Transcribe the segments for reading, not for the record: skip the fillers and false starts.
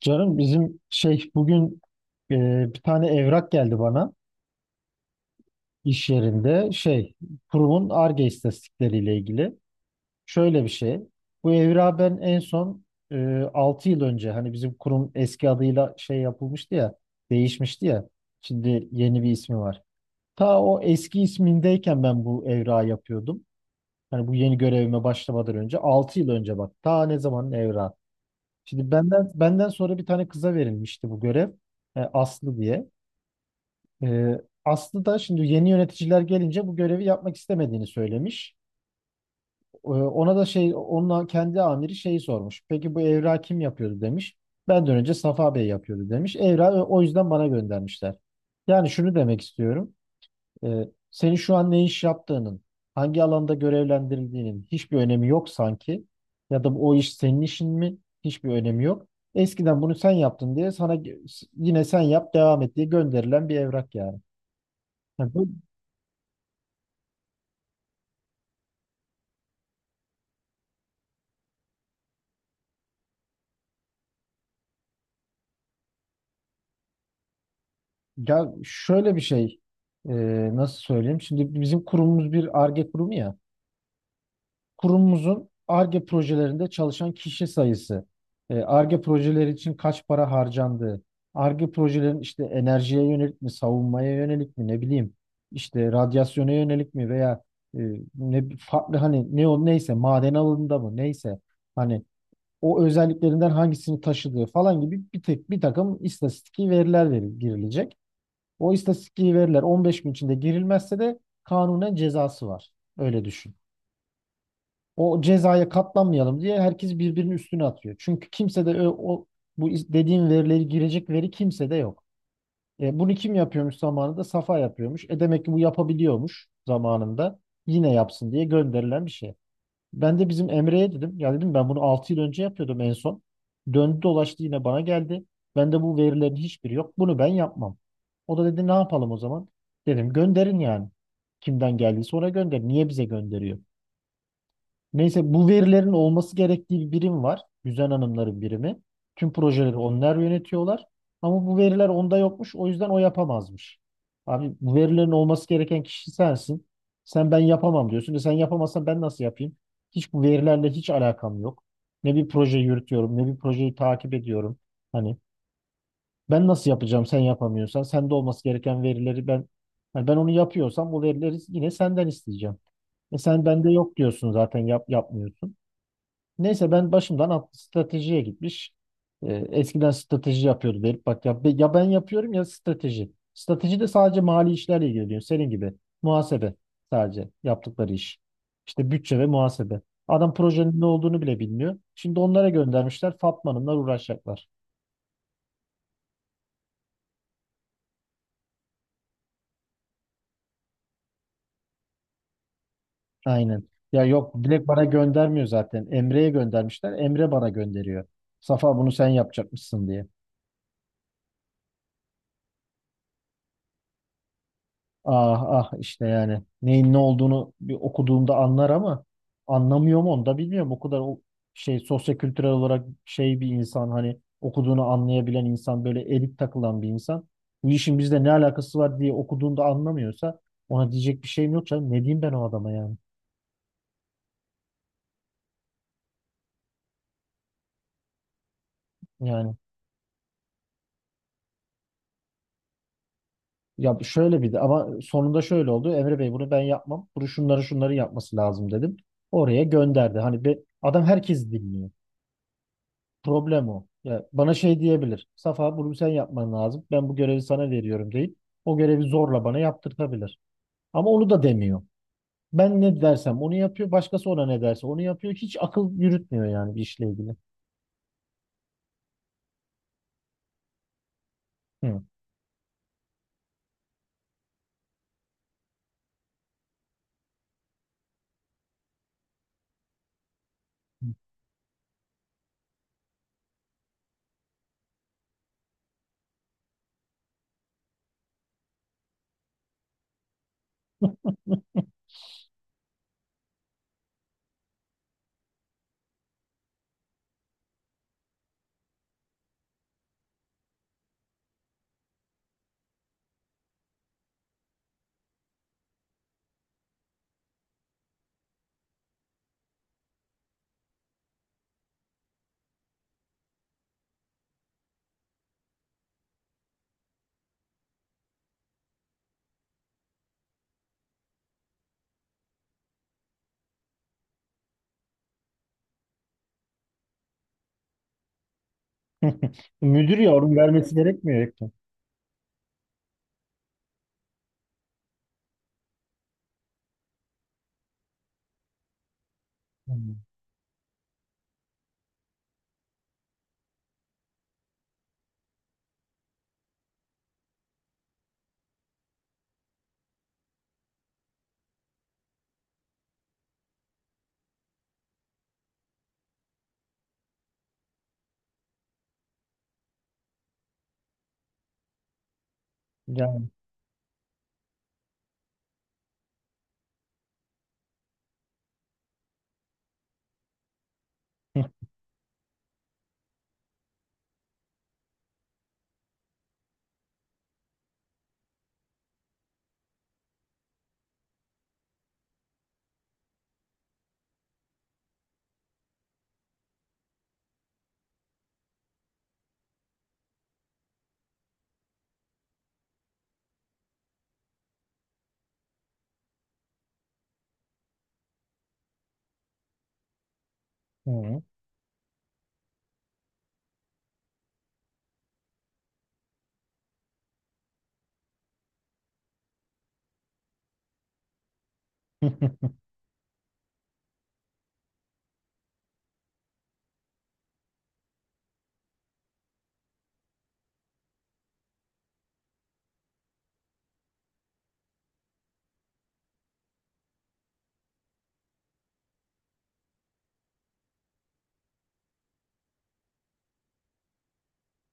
Canım bizim şey bugün e, bir tane evrak geldi bana iş yerinde şey kurumun Ar-Ge istatistikleriyle ilgili. Şöyle bir şey. Bu evrağı ben en son 6 yıl önce hani bizim kurum eski adıyla şey yapılmıştı ya, değişmişti ya. Şimdi yeni bir ismi var. Ta o eski ismindeyken ben bu evrağı yapıyordum. Hani bu yeni görevime başlamadan önce 6 yıl önce bak. Ta ne zamanın evrağı. Şimdi benden sonra bir tane kıza verilmişti bu görev. Aslı diye. Aslı da şimdi yeni yöneticiler gelince bu görevi yapmak istemediğini söylemiş. Ona da şey, onun kendi amiri şeyi sormuş. Peki bu evrağı kim yapıyordu demiş. Benden önce Safa Bey yapıyordu demiş. Evrağı o yüzden bana göndermişler. Yani şunu demek istiyorum. Ee, senin şu an ne iş yaptığının, hangi alanda görevlendirildiğinin hiçbir önemi yok sanki. Ya da o iş senin işin mi? Hiçbir önemi yok. Eskiden bunu sen yaptın diye sana yine sen yap devam et diye gönderilen bir evrak yani. Yani Ya şöyle bir şey, e, nasıl söyleyeyim? Şimdi bizim kurumumuz bir Ar-Ge kurumu ya. Kurumumuzun Ar-Ge projelerinde çalışan kişi sayısı, Ar-Ge projeleri için kaç para harcandığı, Ar-Ge projelerin işte enerjiye yönelik mi, savunmaya yönelik mi, ne bileyim, işte radyasyona yönelik mi veya e, ne farklı, hani ne o neyse, maden alanında mı neyse, hani o özelliklerinden hangisini taşıdığı falan gibi bir tek bir takım istatistiki veriler girilecek. O istatistiği verirler. 15 gün içinde girilmezse de kanunen cezası var. Öyle düşün. O cezaya katlanmayalım diye herkes birbirinin üstüne atıyor. Çünkü kimse de o, bu dediğim verileri girecek veri kimse de yok. E, bunu kim yapıyormuş zamanında? Safa yapıyormuş. E demek ki bu yapabiliyormuş zamanında. Yine yapsın diye gönderilen bir şey. Ben de bizim Emre'ye dedim. Ya dedim ben bunu 6 yıl önce yapıyordum en son. Döndü dolaştı yine bana geldi. Bende bu verilerin hiçbiri yok. Bunu ben yapmam. O da dedi ne yapalım o zaman? Dedim gönderin yani. Kimden geldiyse ona gönder. Niye bize gönderiyor? Neyse bu verilerin olması gerektiği bir birim var. Güzel Hanımların birimi. Tüm projeleri onlar yönetiyorlar. Ama bu veriler onda yokmuş. O yüzden o yapamazmış. Abi bu verilerin olması gereken kişi sensin. Sen ben yapamam diyorsun. E sen yapamazsan ben nasıl yapayım? Hiç bu verilerle hiç alakam yok. Ne bir proje yürütüyorum, ne bir projeyi takip ediyorum. Hani ben nasıl yapacağım sen yapamıyorsan? Sende olması gereken verileri ben, hani ben onu yapıyorsam o verileri yine senden isteyeceğim. E sen bende yok diyorsun, zaten yap, yapmıyorsun. Neyse ben başımdan stratejiye gitmiş. Eskiden strateji yapıyordu derip bak ya, ya ben yapıyorum ya strateji. Strateji de sadece mali işlerle ilgileniyor. Senin gibi muhasebe sadece yaptıkları iş. İşte bütçe ve muhasebe. Adam projenin ne olduğunu bile bilmiyor. Şimdi onlara göndermişler. Fatma Hanım'la uğraşacaklar. Aynen. Ya yok, Dilek bana göndermiyor zaten. Emre'ye göndermişler. Emre bana gönderiyor. Safa bunu sen yapacakmışsın diye. Ah ah, işte yani neyin ne olduğunu bir okuduğumda anlar ama anlamıyor mu onu da bilmiyorum. O kadar o şey, sosyokültürel olarak şey, bir insan, hani okuduğunu anlayabilen insan, böyle elit takılan bir insan. Bu işin bizle ne alakası var diye okuduğunda anlamıyorsa ona diyecek bir şeyim yok canım. Ne diyeyim ben o adama yani? Yani ya şöyle bir de, ama sonunda şöyle oldu. Emre Bey bunu ben yapmam. Bunu şunları şunları yapması lazım dedim. Oraya gönderdi. Hani be, adam herkesi dinliyor. Problem o. Ya bana şey diyebilir. Safa bunu sen yapman lazım. Ben bu görevi sana veriyorum deyip o görevi zorla bana yaptırtabilir. Ama onu da demiyor. Ben ne dersem onu yapıyor. Başkası ona ne derse onu yapıyor. Hiç akıl yürütmüyor yani bir işle ilgili. Hı. Müdür ya, onun vermesi gerekmiyor. Ekmek. Hı. Yani. Hı.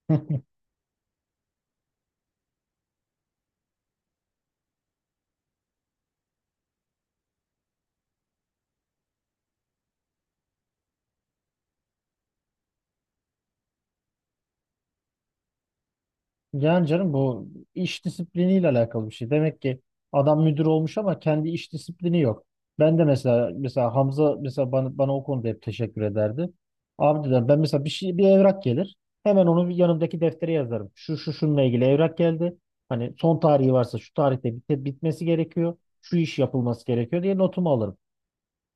Yani canım bu iş disipliniyle alakalı bir şey. Demek ki adam müdür olmuş ama kendi iş disiplini yok. Ben de mesela Hamza mesela bana o konuda hep teşekkür ederdi. Abi dedim ben mesela bir şey, bir evrak gelir. Hemen onu bir yanımdaki deftere yazarım. Şu şu şununla ilgili evrak geldi. Hani son tarihi varsa şu tarihte bitmesi gerekiyor. Şu iş yapılması gerekiyor diye notumu alırım.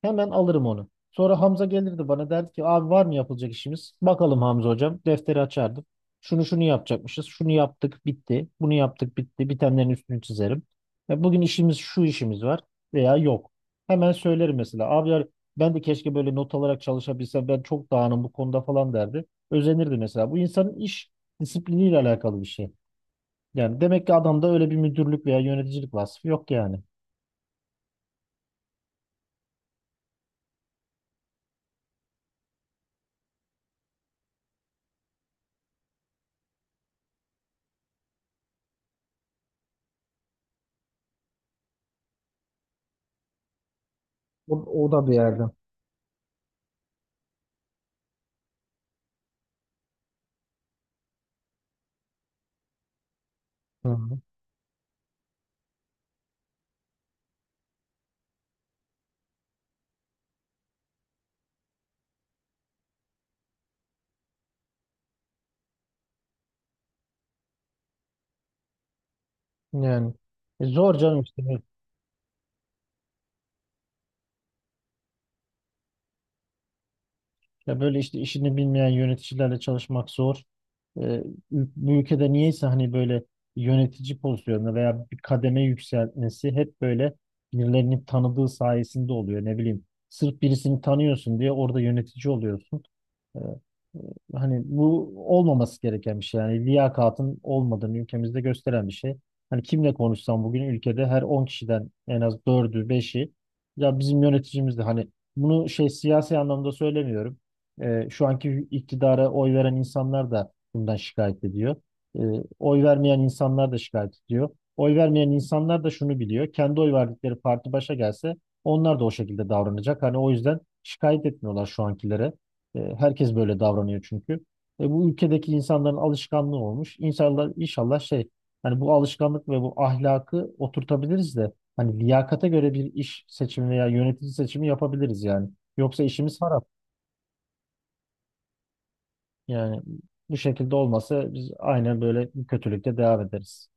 Hemen alırım onu. Sonra Hamza gelirdi, bana derdi ki abi var mı yapılacak işimiz? Bakalım Hamza hocam. Defteri açardım. Şunu şunu yapacakmışız. Şunu yaptık bitti. Bunu yaptık bitti. Bitenlerin üstünü çizerim. Ve bugün işimiz şu, işimiz var veya yok. Hemen söylerim mesela. Abiler, ben de keşke böyle not alarak çalışabilsem, ben çok dağınım bu konuda falan derdi. Özenirdi mesela. Bu insanın iş disipliniyle alakalı bir şey. Yani demek ki adamda öyle bir müdürlük veya yöneticilik vasfı yok yani. O, o da bir yerde. Hı hı. Yani zor canım işte. Ya böyle işte işini bilmeyen yöneticilerle çalışmak zor. Ee, bu ülkede niyeyse hani böyle yönetici pozisyonunda veya bir kademe yükseltmesi hep böyle birilerinin tanıdığı sayesinde oluyor. Ne bileyim, sırf birisini tanıyorsun diye orada yönetici oluyorsun. Ee, e, hani bu olmaması gereken bir şey. Yani liyakatın olmadığını ülkemizde gösteren bir şey. Hani kimle konuşsam bugün ülkede her 10 kişiden en az 4'ü beşi ya bizim yöneticimiz de, hani bunu şey, siyasi anlamda söylemiyorum. E, şu anki iktidara oy veren insanlar da bundan şikayet ediyor. E, oy vermeyen insanlar da şikayet ediyor. Oy vermeyen insanlar da şunu biliyor. Kendi oy verdikleri parti başa gelse onlar da o şekilde davranacak. Hani o yüzden şikayet etmiyorlar şu ankilere. E, herkes böyle davranıyor çünkü. E, bu ülkedeki insanların alışkanlığı olmuş. İnşallah, inşallah şey, hani bu alışkanlık ve bu ahlakı oturtabiliriz de hani liyakata göre bir iş seçimi veya yönetici seçimi yapabiliriz yani. Yoksa işimiz var. Yani bu şekilde olmasa biz aynen böyle kötülükte devam ederiz.